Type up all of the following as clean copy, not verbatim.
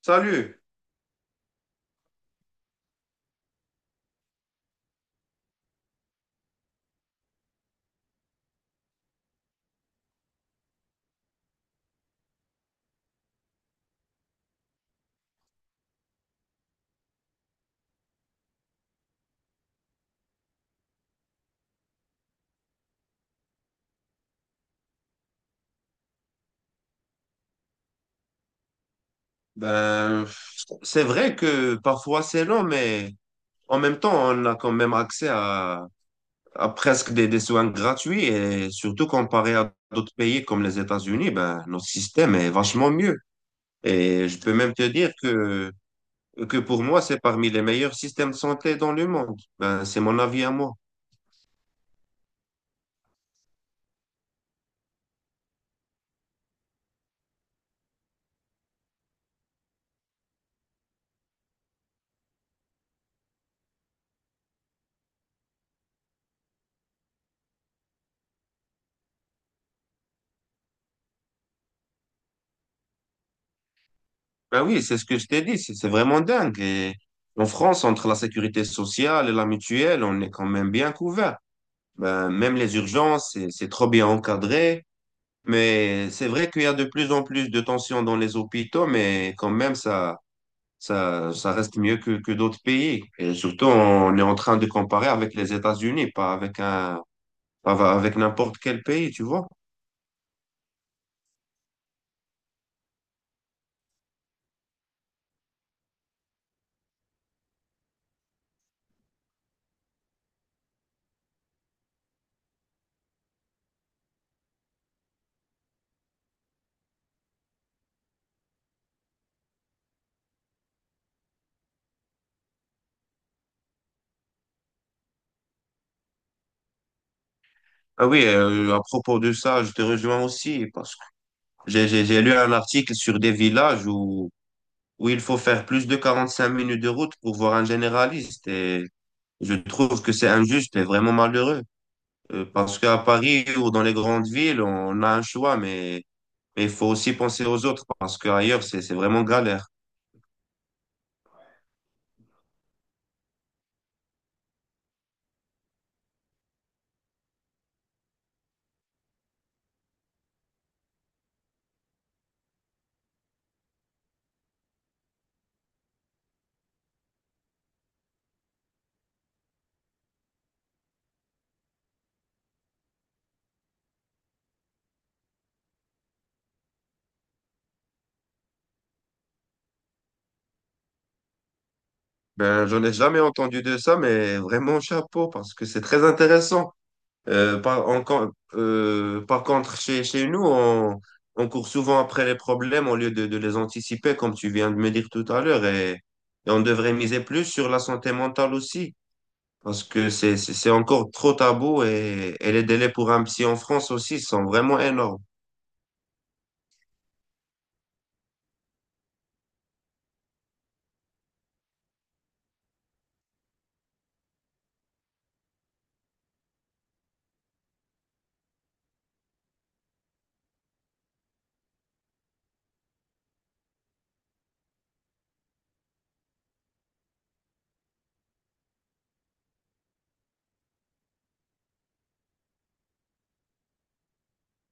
Salut. Ben, c'est vrai que parfois c'est long, mais en même temps, on a quand même accès à presque des soins gratuits et surtout comparé à d'autres pays comme les États-Unis, notre système est vachement mieux. Et je peux même te dire que pour moi, c'est parmi les meilleurs systèmes de santé dans le monde. C'est mon avis à moi. Ben oui, c'est ce que je t'ai dit, c'est vraiment dingue. Et en France, entre la sécurité sociale et la mutuelle, on est quand même bien couvert. Ben, même les urgences, c'est trop bien encadré. Mais c'est vrai qu'il y a de plus en plus de tensions dans les hôpitaux, mais quand même, ça reste mieux que d'autres pays. Et surtout, on est en train de comparer avec les États-Unis, pas avec un, pas va- avec n'importe quel pays, tu vois. Ah oui, à propos de ça, je te rejoins aussi parce que j'ai lu un article sur des villages où il faut faire plus de 45 minutes de route pour voir un généraliste et je trouve que c'est injuste et vraiment malheureux. Parce qu'à Paris ou dans les grandes villes, on a un choix, mais il faut aussi penser aux autres parce qu'ailleurs, c'est vraiment galère. Ben, j'en ai jamais entendu de ça, mais vraiment chapeau parce que c'est très intéressant. Par contre, chez nous, on court souvent après les problèmes au lieu de les anticiper, comme tu viens de me dire tout à l'heure, et on devrait miser plus sur la santé mentale aussi. Parce que c'est encore trop tabou et les délais pour un psy en France aussi sont vraiment énormes.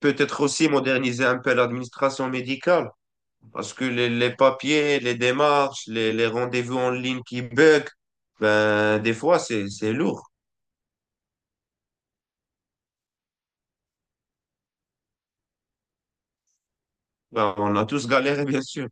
Peut-être aussi moderniser un peu l'administration médicale, parce que les papiers, les démarches, les rendez-vous en ligne qui bug, ben, des fois, c'est lourd. Ben, on a tous galéré, bien sûr.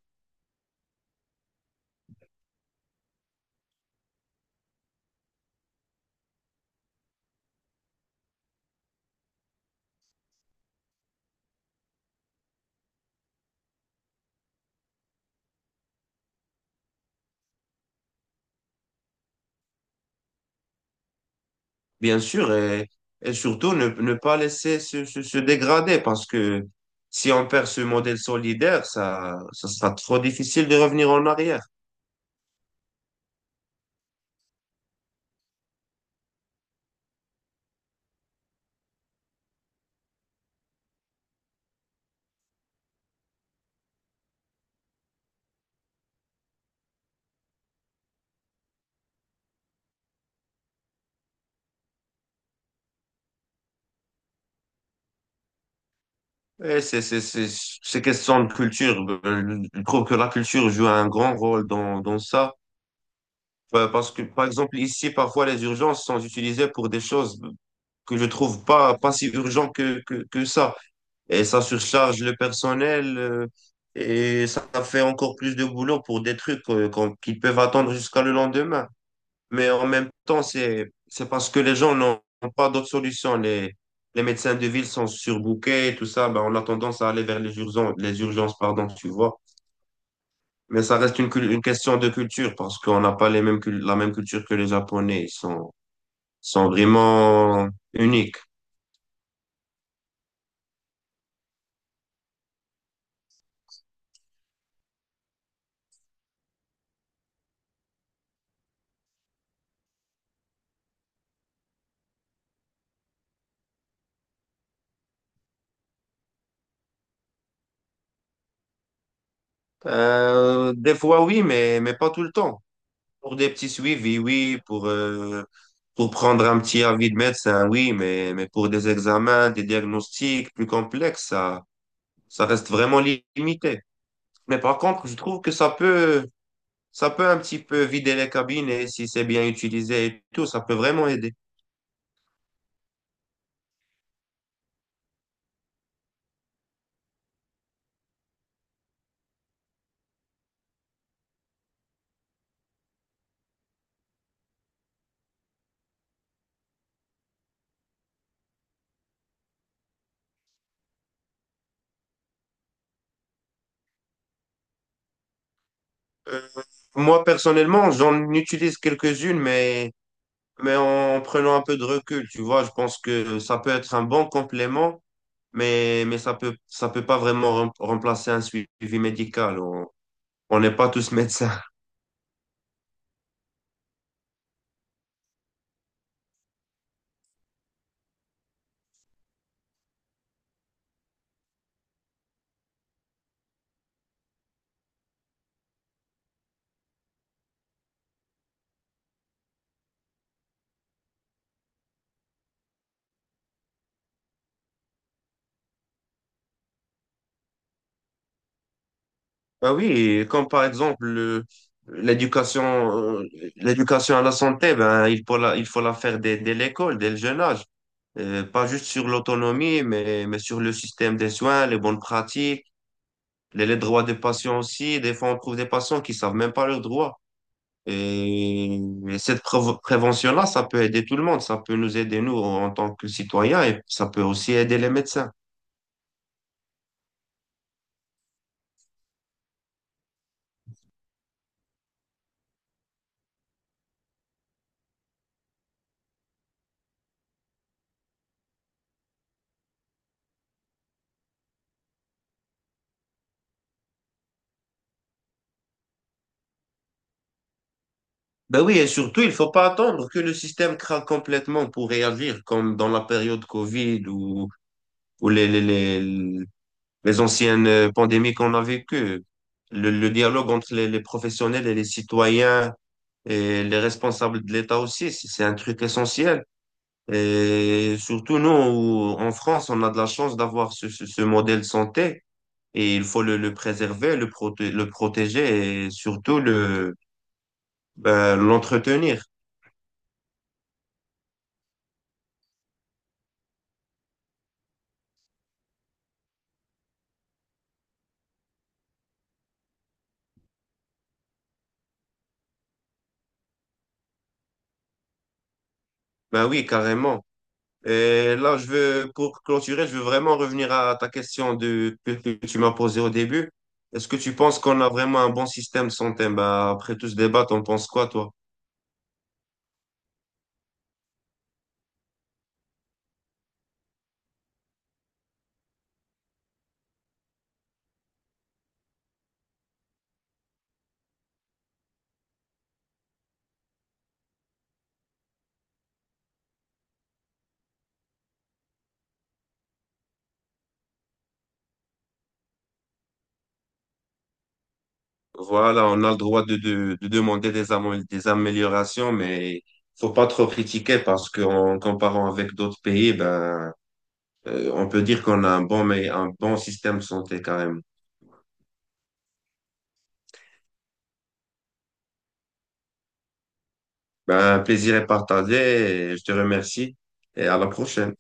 Bien sûr, et surtout, ne pas laisser se dégrader, parce que si on perd ce modèle solidaire, ça sera trop difficile de revenir en arrière. Et c'est question de culture. Ben, je trouve que la culture joue un grand rôle dans ça. Ouais, parce que, par exemple, ici, parfois, les urgences sont utilisées pour des choses que je trouve pas si urgent que ça. Et ça surcharge le personnel, et ça fait encore plus de boulot pour des trucs, qu'on- qu'ils peuvent attendre jusqu'à le lendemain. Mais en même temps, c'est parce que les gens n'ont pas d'autres solutions. Les médecins de ville sont surbookés et tout ça. Ben, on a tendance à aller vers les urgences, pardon, tu vois. Mais ça reste une question de culture parce qu'on n'a pas la même culture que les Japonais. Sont vraiment uniques. Des fois, oui, mais pas tout le temps. Pour des petits suivis, oui. Pour prendre un petit avis de médecin, oui. Mais pour des examens, des diagnostics plus complexes, ça reste vraiment limité. Mais par contre, je trouve que ça peut un petit peu vider les cabinets si c'est bien utilisé et tout. Ça peut vraiment aider. Euh, Moi, personnellement, j'en utilise quelques-unes, mais en prenant un peu de recul, tu vois, je pense que ça peut être un bon complément, mais, ça peut pas vraiment remplacer un suivi médical. On n'est pas tous médecins. Ah oui, comme par exemple, l'éducation, l'éducation à la santé, ben, il faut la faire dès l'école, dès le jeune âge. Pas juste sur l'autonomie, mais sur le système des soins, les bonnes pratiques. Les droits des patients aussi, des fois on trouve des patients qui savent même pas leurs droits. Et, et cette prévention-là, ça peut aider tout le monde, ça peut nous aider nous en tant que citoyens et ça peut aussi aider les médecins. Ben oui, et surtout, il faut pas attendre que le système craque complètement pour réagir, comme dans la période Covid ou, ou les, les, les, les anciennes pandémies qu'on a vécues. Le dialogue entre les professionnels et les citoyens et les responsables de l'État aussi, c'est un truc essentiel. Et surtout, nous, en France, on a de la chance d'avoir ce modèle santé et il faut le préserver, le protéger et surtout ben, l'entretenir. Ben oui, carrément. Et là, je veux, pour clôturer, je veux vraiment revenir à ta question que tu m'as posée au début. Est-ce que tu penses qu'on a vraiment un bon système de santé? Ben, après tout ce débat, t'en penses quoi, toi? Voilà, on a le droit de demander des améliorations, mais faut pas trop critiquer parce qu'en comparant avec d'autres pays, ben, on peut dire qu'on a un bon, mais un bon système de santé quand même. Ben, plaisir est partagé et je te remercie et à la prochaine.